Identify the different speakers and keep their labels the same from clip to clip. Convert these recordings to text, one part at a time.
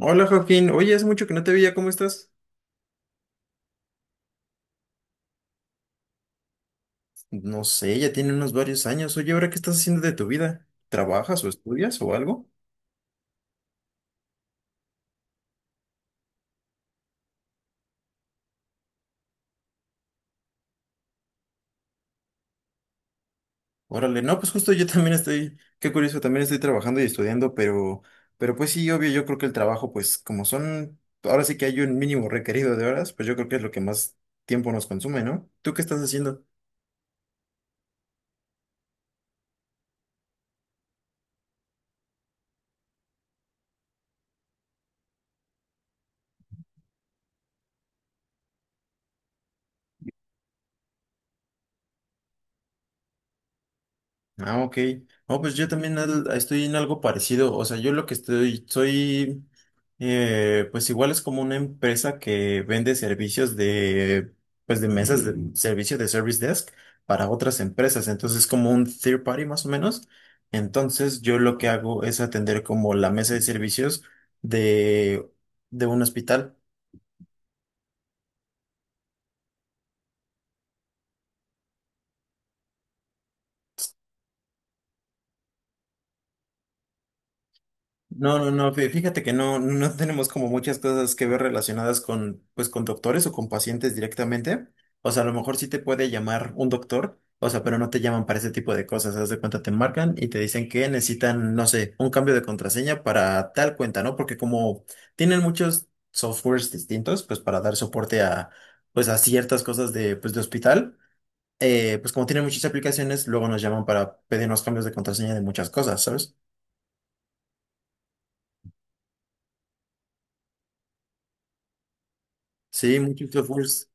Speaker 1: Hola Joaquín, oye, hace mucho que no te veía, ¿cómo estás? No sé, ya tiene unos varios años. Oye, ¿ahora qué estás haciendo de tu vida? ¿Trabajas o estudias o algo? Órale, no, pues justo yo también estoy, qué curioso, también estoy trabajando y estudiando, pero pues sí, obvio, yo creo que el trabajo, pues como son, ahora sí que hay un mínimo requerido de horas, pues yo creo que es lo que más tiempo nos consume, ¿no? ¿Tú qué estás haciendo? Ah, ok. Oh, pues yo también estoy en algo parecido. O sea, yo lo que estoy, soy, pues igual es como una empresa que vende servicios de, pues de mesas de servicio de service desk para otras empresas. Entonces, es como un third party más o menos. Entonces, yo lo que hago es atender como la mesa de servicios de, de un hospital. No, fíjate que no, no tenemos como muchas cosas que ver relacionadas con, pues, con doctores o con pacientes directamente. O sea, a lo mejor sí te puede llamar un doctor, o sea, pero no te llaman para ese tipo de cosas. Haz de cuenta, te marcan y te dicen que necesitan, no sé, un cambio de contraseña para tal cuenta, ¿no? Porque como tienen muchos softwares distintos, pues para dar soporte a, pues, a ciertas cosas de, pues, de hospital, pues como tienen muchas aplicaciones, luego nos llaman para pedirnos cambios de contraseña de muchas cosas, ¿sabes? Sí, muchos softwares.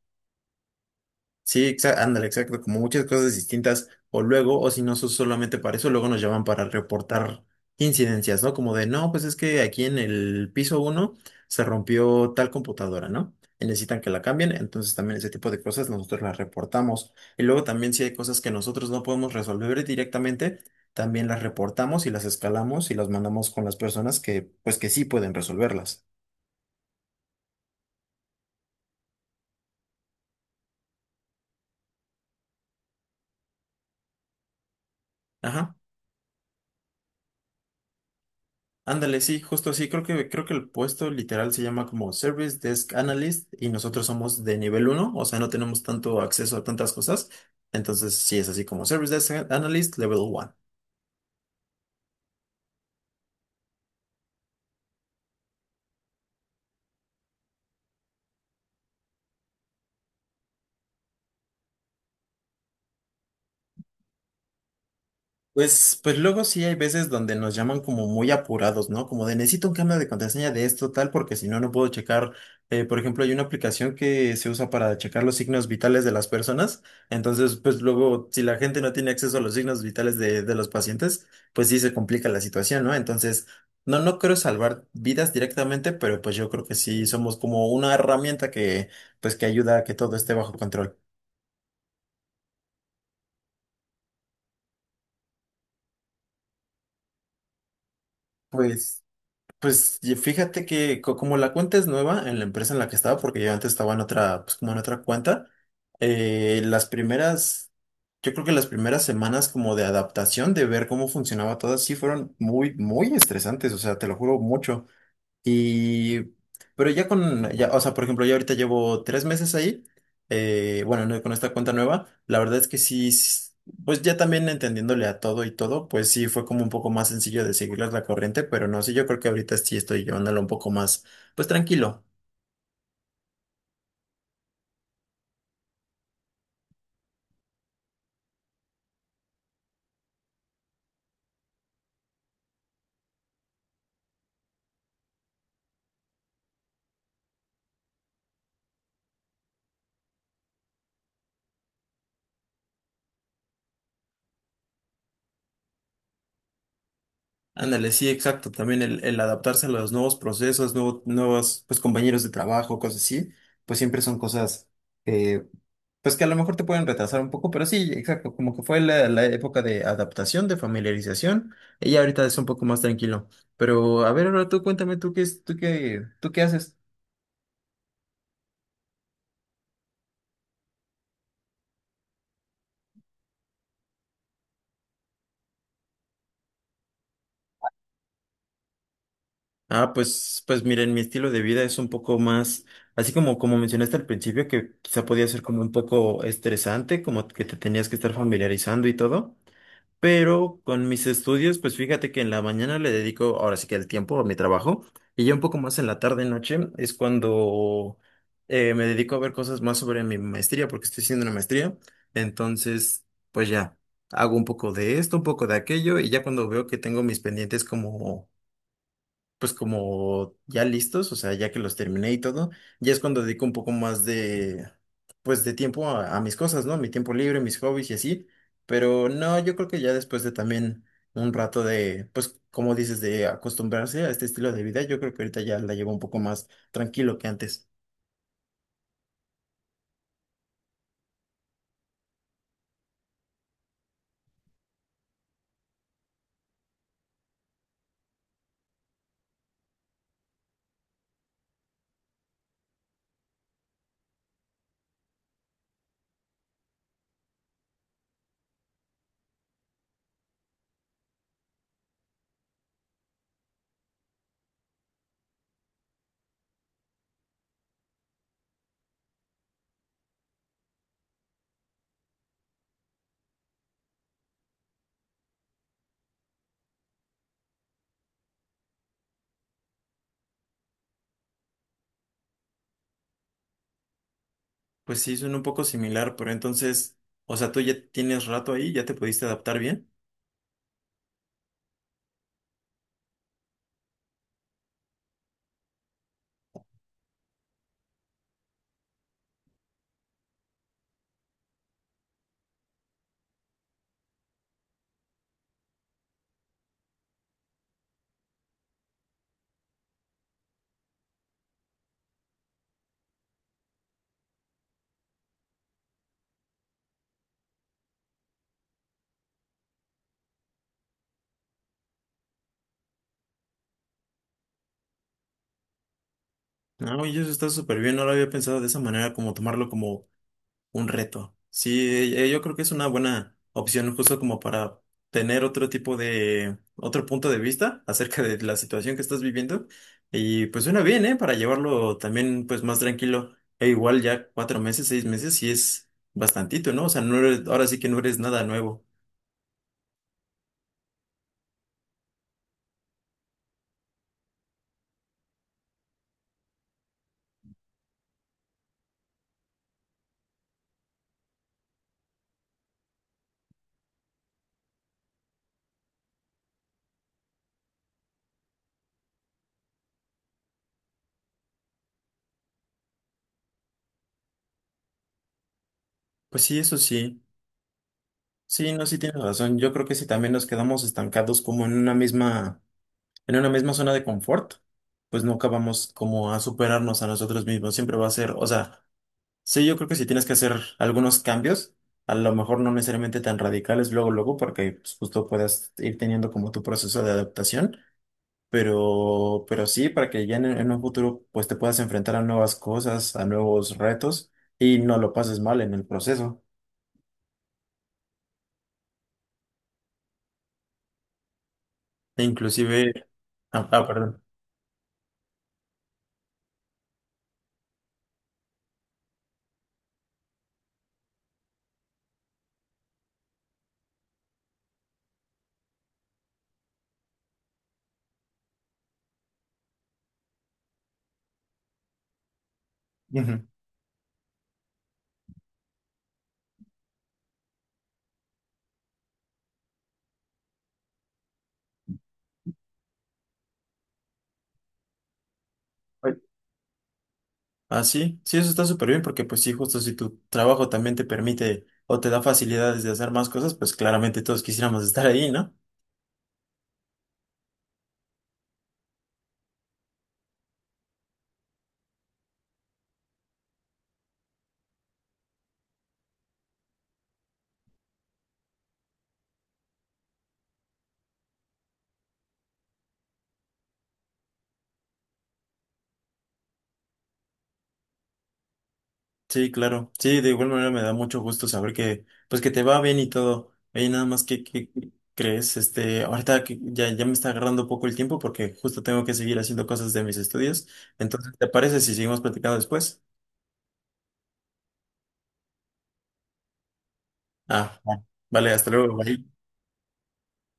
Speaker 1: Sí, ándale, exacto, como muchas cosas distintas, o luego, o si no son solamente para eso, luego nos llaman para reportar incidencias, ¿no? Como de, no, pues es que aquí en el piso uno se rompió tal computadora, ¿no? Y necesitan que la cambien, entonces también ese tipo de cosas nosotros las reportamos. Y luego también si hay cosas que nosotros no podemos resolver directamente, también las reportamos y las escalamos y las mandamos con las personas que, pues que sí pueden resolverlas. Ajá. Ándale, sí, justo así. Creo que el puesto literal se llama como Service Desk Analyst y nosotros somos de nivel uno, o sea, no tenemos tanto acceso a tantas cosas. Entonces, sí es así como Service Desk Analyst Level 1. Pues, pues luego sí hay veces donde nos llaman como muy apurados, ¿no? Como de necesito un cambio de contraseña de esto, tal, porque si no, no puedo checar. Por ejemplo, hay una aplicación que se usa para checar los signos vitales de las personas. Entonces, pues luego, si la gente no tiene acceso a los signos vitales de los pacientes, pues sí se complica la situación, ¿no? Entonces, no, no creo salvar vidas directamente, pero pues yo creo que sí somos como una herramienta que, pues que ayuda a que todo esté bajo control. Pues. Pues y fíjate que como la cuenta es nueva en la empresa en la que estaba, porque yo antes estaba en otra, pues como en otra cuenta, las primeras, yo creo que las primeras semanas como de adaptación, de ver cómo funcionaba todo, sí fueron muy, muy estresantes, o sea, te lo juro mucho. Y, pero ya con, ya, o sea, por ejemplo, ya ahorita llevo tres meses ahí, bueno, no, con esta cuenta nueva, la verdad es que sí, pues ya también entendiéndole a todo y todo, pues sí fue como un poco más sencillo de seguirles la corriente, pero no sé, yo creo que ahorita sí estoy llevándolo un poco más, pues tranquilo. Ándale, sí, exacto. También el adaptarse a los nuevos procesos, nuevos pues, compañeros de trabajo, cosas así, pues siempre son cosas eh, pues que a lo mejor te pueden retrasar un poco, pero sí, exacto, como que fue la, la época de adaptación, de familiarización, y ya ahorita es un poco más tranquilo. Pero a ver, ahora tú cuéntame, ¿tú qué, es- tú qué haces? Ah, pues, pues miren, mi estilo de vida es un poco más, así como, como mencionaste al principio, que quizá podía ser como un poco estresante, como que te tenías que estar familiarizando y todo. Pero con mis estudios, pues fíjate que en la mañana le dedico ahora sí que el tiempo a mi trabajo y ya un poco más en la tarde noche es cuando me dedico a ver cosas más sobre mi maestría porque estoy haciendo una maestría. Entonces, pues ya hago un poco de esto, un poco de aquello y ya cuando veo que tengo mis pendientes como pues como ya listos, o sea, ya que los terminé y todo, ya es cuando dedico un poco más de, pues de tiempo a mis cosas, ¿no? Mi tiempo libre, mis hobbies y así, pero no, yo creo que ya después de también un rato de, pues como dices, de acostumbrarse a este estilo de vida, yo creo que ahorita ya la llevo un poco más tranquilo que antes. Pues sí, suena un poco similar, pero entonces, o sea, tú ya tienes rato ahí, ya te pudiste adaptar bien. No, y eso está súper bien, no lo había pensado de esa manera, como tomarlo como un reto. Sí, yo creo que es una buena opción justo como para tener otro tipo de, otro punto de vista acerca de la situación que estás viviendo. Y pues suena bien, ¿eh? Para llevarlo también pues más tranquilo. E igual ya cuatro meses, seis meses, sí es bastantito, ¿no? O sea, no eres- ahora sí que no eres nada nuevo. Pues sí, eso sí. Sí, no, sí tienes razón. Yo creo que si también nos quedamos estancados como en una misma zona de confort, pues nunca vamos como a superarnos a nosotros mismos. Siempre va a ser, o sea, sí, yo creo que si tienes que hacer algunos cambios, a lo mejor no necesariamente tan radicales luego, luego, porque pues, justo puedas ir teniendo como tu proceso de adaptación, pero sí, para que ya en un futuro pues te puedas enfrentar a nuevas cosas, a nuevos retos y no lo pases mal en el proceso. E inclusive, perdón. Ujú. Ay. Ah, sí, sí, eso está súper bien porque pues sí, justo si tu trabajo también te permite o te da facilidades de hacer más cosas, pues claramente todos quisiéramos estar ahí, ¿no? Sí, claro. Sí, de igual manera me da mucho gusto saber que, pues que te va bien y todo. Oye, nada más que crees, este, ahorita que ya, ya me está agarrando un poco el tiempo porque justo tengo que seguir haciendo cosas de mis estudios. Entonces, ¿te parece si seguimos platicando después? Ah, va. Vale, hasta luego. Bye.